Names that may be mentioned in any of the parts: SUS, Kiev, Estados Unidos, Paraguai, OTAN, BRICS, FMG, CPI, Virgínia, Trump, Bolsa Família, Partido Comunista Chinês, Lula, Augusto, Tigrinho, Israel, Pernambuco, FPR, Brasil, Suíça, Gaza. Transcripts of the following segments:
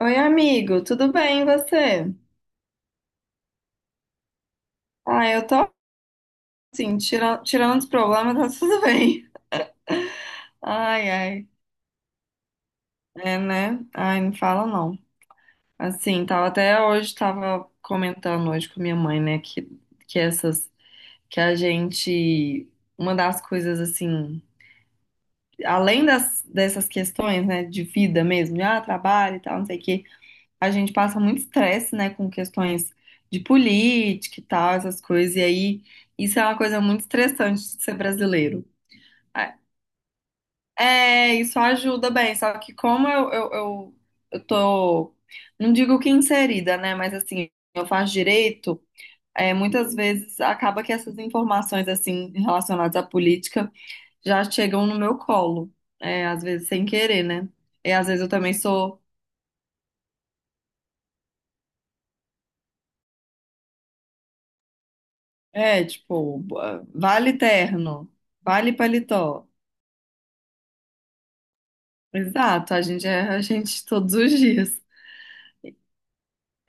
Oi, amigo, tudo bem e você? Ah, eu tô assim, tirando os problemas, tá tudo bem. Ai, ai, é, né? Ai, não fala não. Assim, tava até hoje, tava comentando hoje com minha mãe, né, que essas, que a gente, uma das coisas assim, além dessas questões, né, de vida mesmo, de trabalho e tal, não sei o quê. A gente passa muito estresse, né, com questões de política e tal, essas coisas, e aí isso é uma coisa muito estressante de ser brasileiro. É, é, isso ajuda bem, só que como eu tô, não digo que inserida, né, mas assim, eu faço direito, é, muitas vezes acaba que essas informações, assim, relacionadas à política já chegam no meu colo, é, às vezes sem querer, né? E às vezes eu também sou. É, tipo, vale terno, vale paletó. Exato, a gente é a gente todos os dias.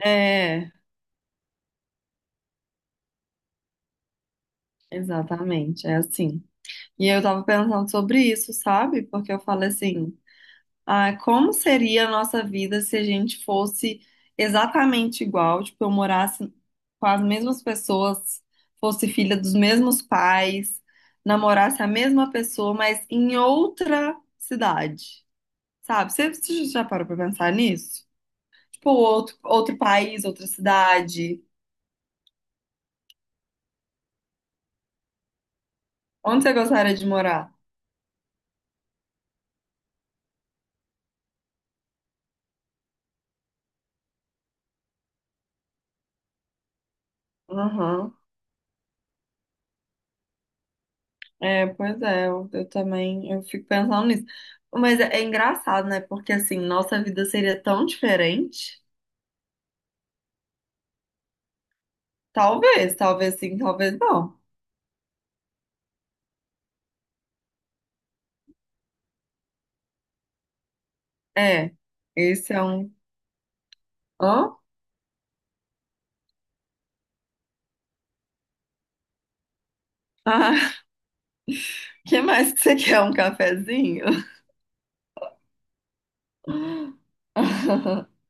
É, exatamente, é assim. E eu tava pensando sobre isso, sabe? Porque eu falo assim, como seria a nossa vida se a gente fosse exatamente igual, tipo, eu morasse com as mesmas pessoas, fosse filha dos mesmos pais, namorasse a mesma pessoa, mas em outra cidade. Sabe? Você já parou pra pensar nisso? Tipo, outro país, outra cidade. Onde você gostaria de morar? Aham. É, pois é, eu também eu fico pensando nisso. Mas é engraçado, né? Porque assim, nossa vida seria tão diferente. Talvez, talvez sim, talvez não. É, esse é um. Hã? Ah, que mais que você quer? Um cafezinho?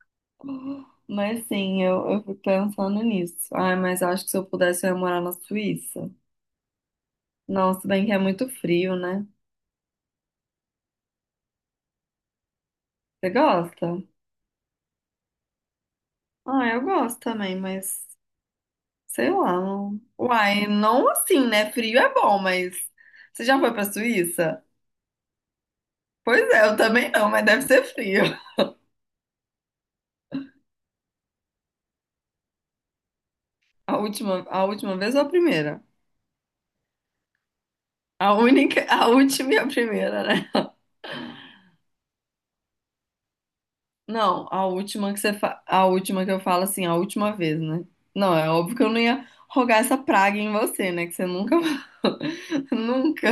Mas sim, eu fico pensando nisso. Ai, mas eu acho que se eu pudesse, eu ia morar na Suíça. Nossa, bem que é muito frio, né? Você gosta? Ah, eu gosto também, mas sei lá. Uai, não assim, né? Frio é bom, mas você já foi pra Suíça? Pois é, eu também não, mas deve ser frio. A última vez ou a primeira? A única, a última e a primeira, né? Não, a última que eu falo assim, a última vez, né? Não, é óbvio que eu não ia rogar essa praga em você, né? Que você nunca, nunca.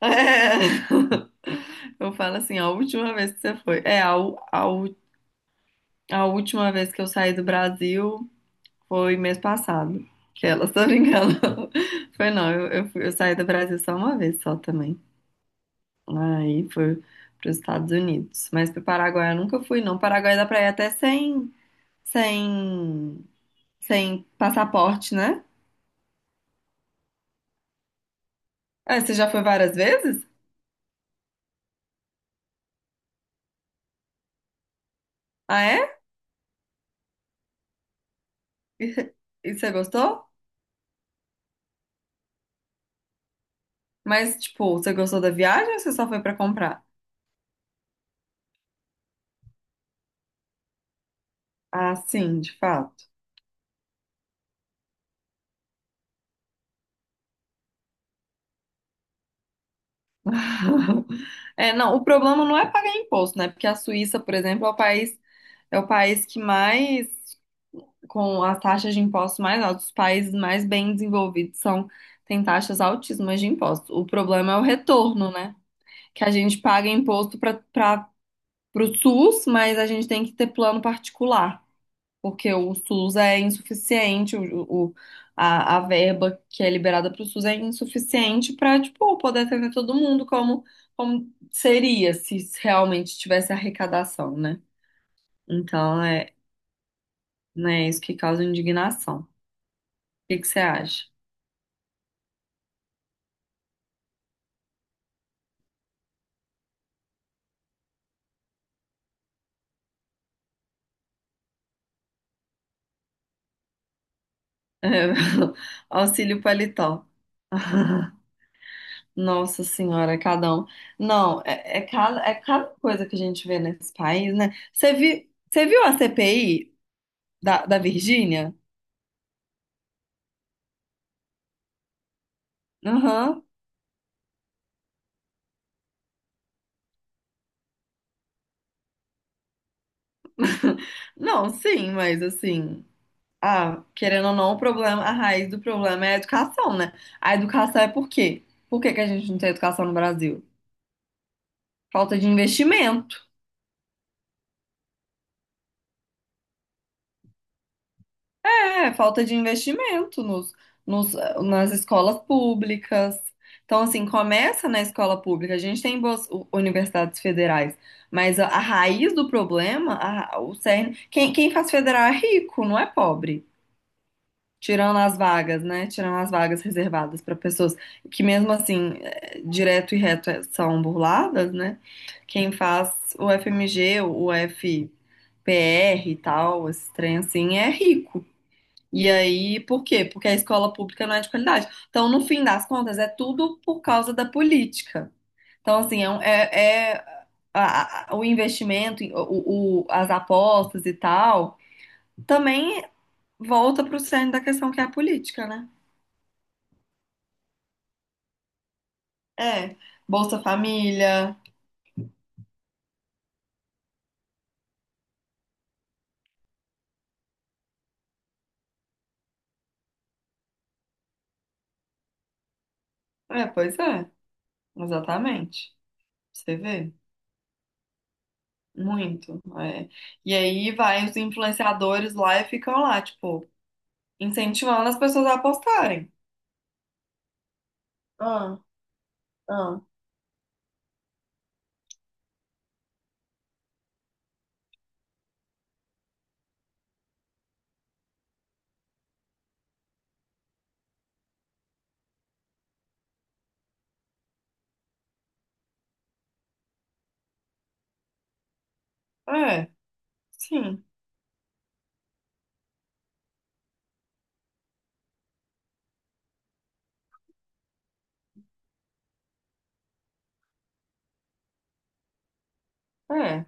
É. Eu falo assim, a última vez que você foi. É, a última vez que eu saí do Brasil foi mês passado. Que ela só me Foi não, eu saí do Brasil só uma vez só também. Aí foi para os Estados Unidos. Mas para o Paraguai eu nunca fui, não. Paraguai dá para ir até sem, sem passaporte, né? Ah, você já foi várias vezes? Ah, é? E, e você gostou? Mas, tipo, você gostou da viagem ou você só foi para comprar? Ah, sim, de fato. É, não, o problema não é pagar imposto, né? Porque a Suíça, por exemplo, é o país que mais, com as taxas de impostos mais altas, os países mais bem desenvolvidos são, têm taxas altíssimas de impostos. O problema é o retorno, né? Que a gente paga imposto para o SUS, mas a gente tem que ter plano particular porque o SUS é insuficiente, o- a verba que é liberada para o SUS é insuficiente para, tipo, poder atender todo mundo como seria se realmente tivesse arrecadação, né? Então, é, né, isso que causa indignação. O que que você acha? Auxílio paletó. Nossa senhora, cada um. Não, é, é cada coisa que a gente vê nesse país, né? Você viu a CPI da Virgínia? Aham. Não, sim, mas assim, querendo ou não, o problema, a raiz do problema é a educação, né? A educação é por quê? Por que que a gente não tem educação no Brasil? Falta de investimento. É, falta de investimento nos, nas escolas públicas. Então, assim, começa na escola pública. A gente tem boas universidades federais, mas a raiz do problema, o cerne, quem faz federal é rico, não é pobre. Tirando as vagas, né? Tirando as vagas reservadas para pessoas que, mesmo assim, é, direto e reto é, são burladas, né? Quem faz o FMG, o FPR e tal, esse trem assim, é rico. E aí, por quê? Porque a escola pública não é de qualidade. Então, no fim das contas, é tudo por causa da política. Então, assim, é, é o investimento, as apostas e tal, também volta para o centro da questão que é a política, né? É, Bolsa Família. É, pois é, exatamente. Você vê, muito. É. E aí vai os influenciadores lá e ficam lá, tipo, incentivando as pessoas a apostarem. Ah, ah, é, sim, é,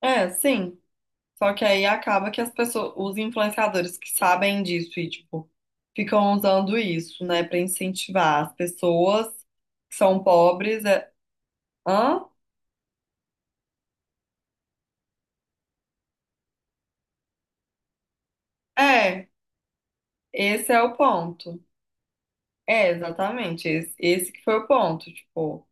é, sim. Só que aí acaba que as pessoas, os influenciadores que sabem disso e, tipo, ficam usando isso, né, pra incentivar as pessoas que são pobres. É, hã? É, esse é o ponto. É, exatamente. Esse que foi o ponto, tipo.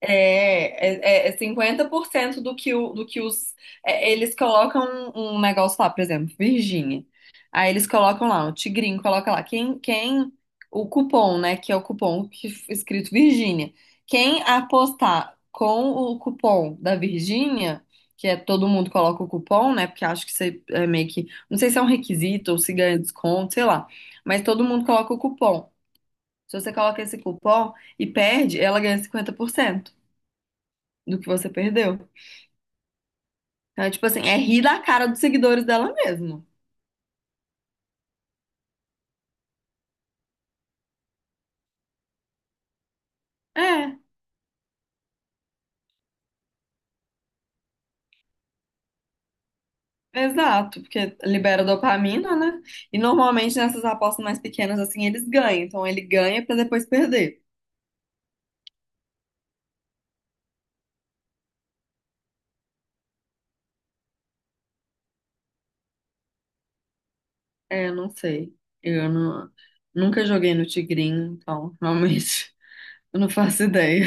É, é, 50% do que, o, do que os. É, eles colocam um negócio lá, por exemplo, Virgínia. Aí eles colocam lá, o Tigrinho coloca lá. Quem. O cupom, né? Que é o cupom que, escrito Virgínia. Quem apostar com o cupom da Virgínia, que é todo mundo coloca o cupom, né? Porque acho que você é meio que. Não sei se é um requisito ou se ganha desconto, sei lá. Mas todo mundo coloca o cupom. Se você coloca esse cupom e perde, ela ganha 50% do que você perdeu. Então, é tipo assim, é rir da cara dos seguidores dela mesmo. É, exato, porque libera dopamina, né? E normalmente nessas apostas mais pequenas, assim, eles ganham. Então ele ganha pra depois perder. É, eu não sei. Eu não- nunca joguei no Tigrinho, então realmente eu não faço ideia.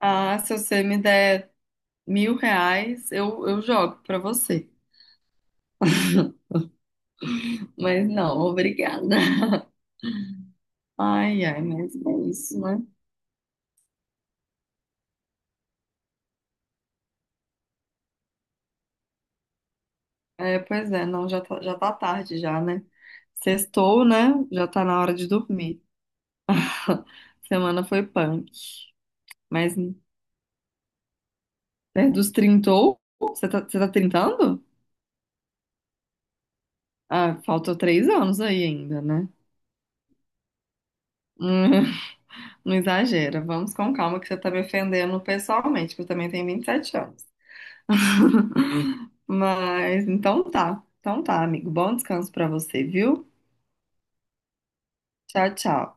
Ah, se você me der R$ 1.000, eu jogo pra você. Mas não, obrigada. Ai, ai, mas é isso, né? É, pois é, não, já tá tarde já, né? Sextou, né? Já tá na hora de dormir. Semana foi punk. Mas perto dos trintou, você tá trintando? Ah, faltou 3 anos aí ainda, né? Hum. Não exagera, vamos com calma que você tá me ofendendo pessoalmente, que eu também tenho 27 anos. Mas então tá, amigo. Bom descanso pra você, viu? Tchau, tchau.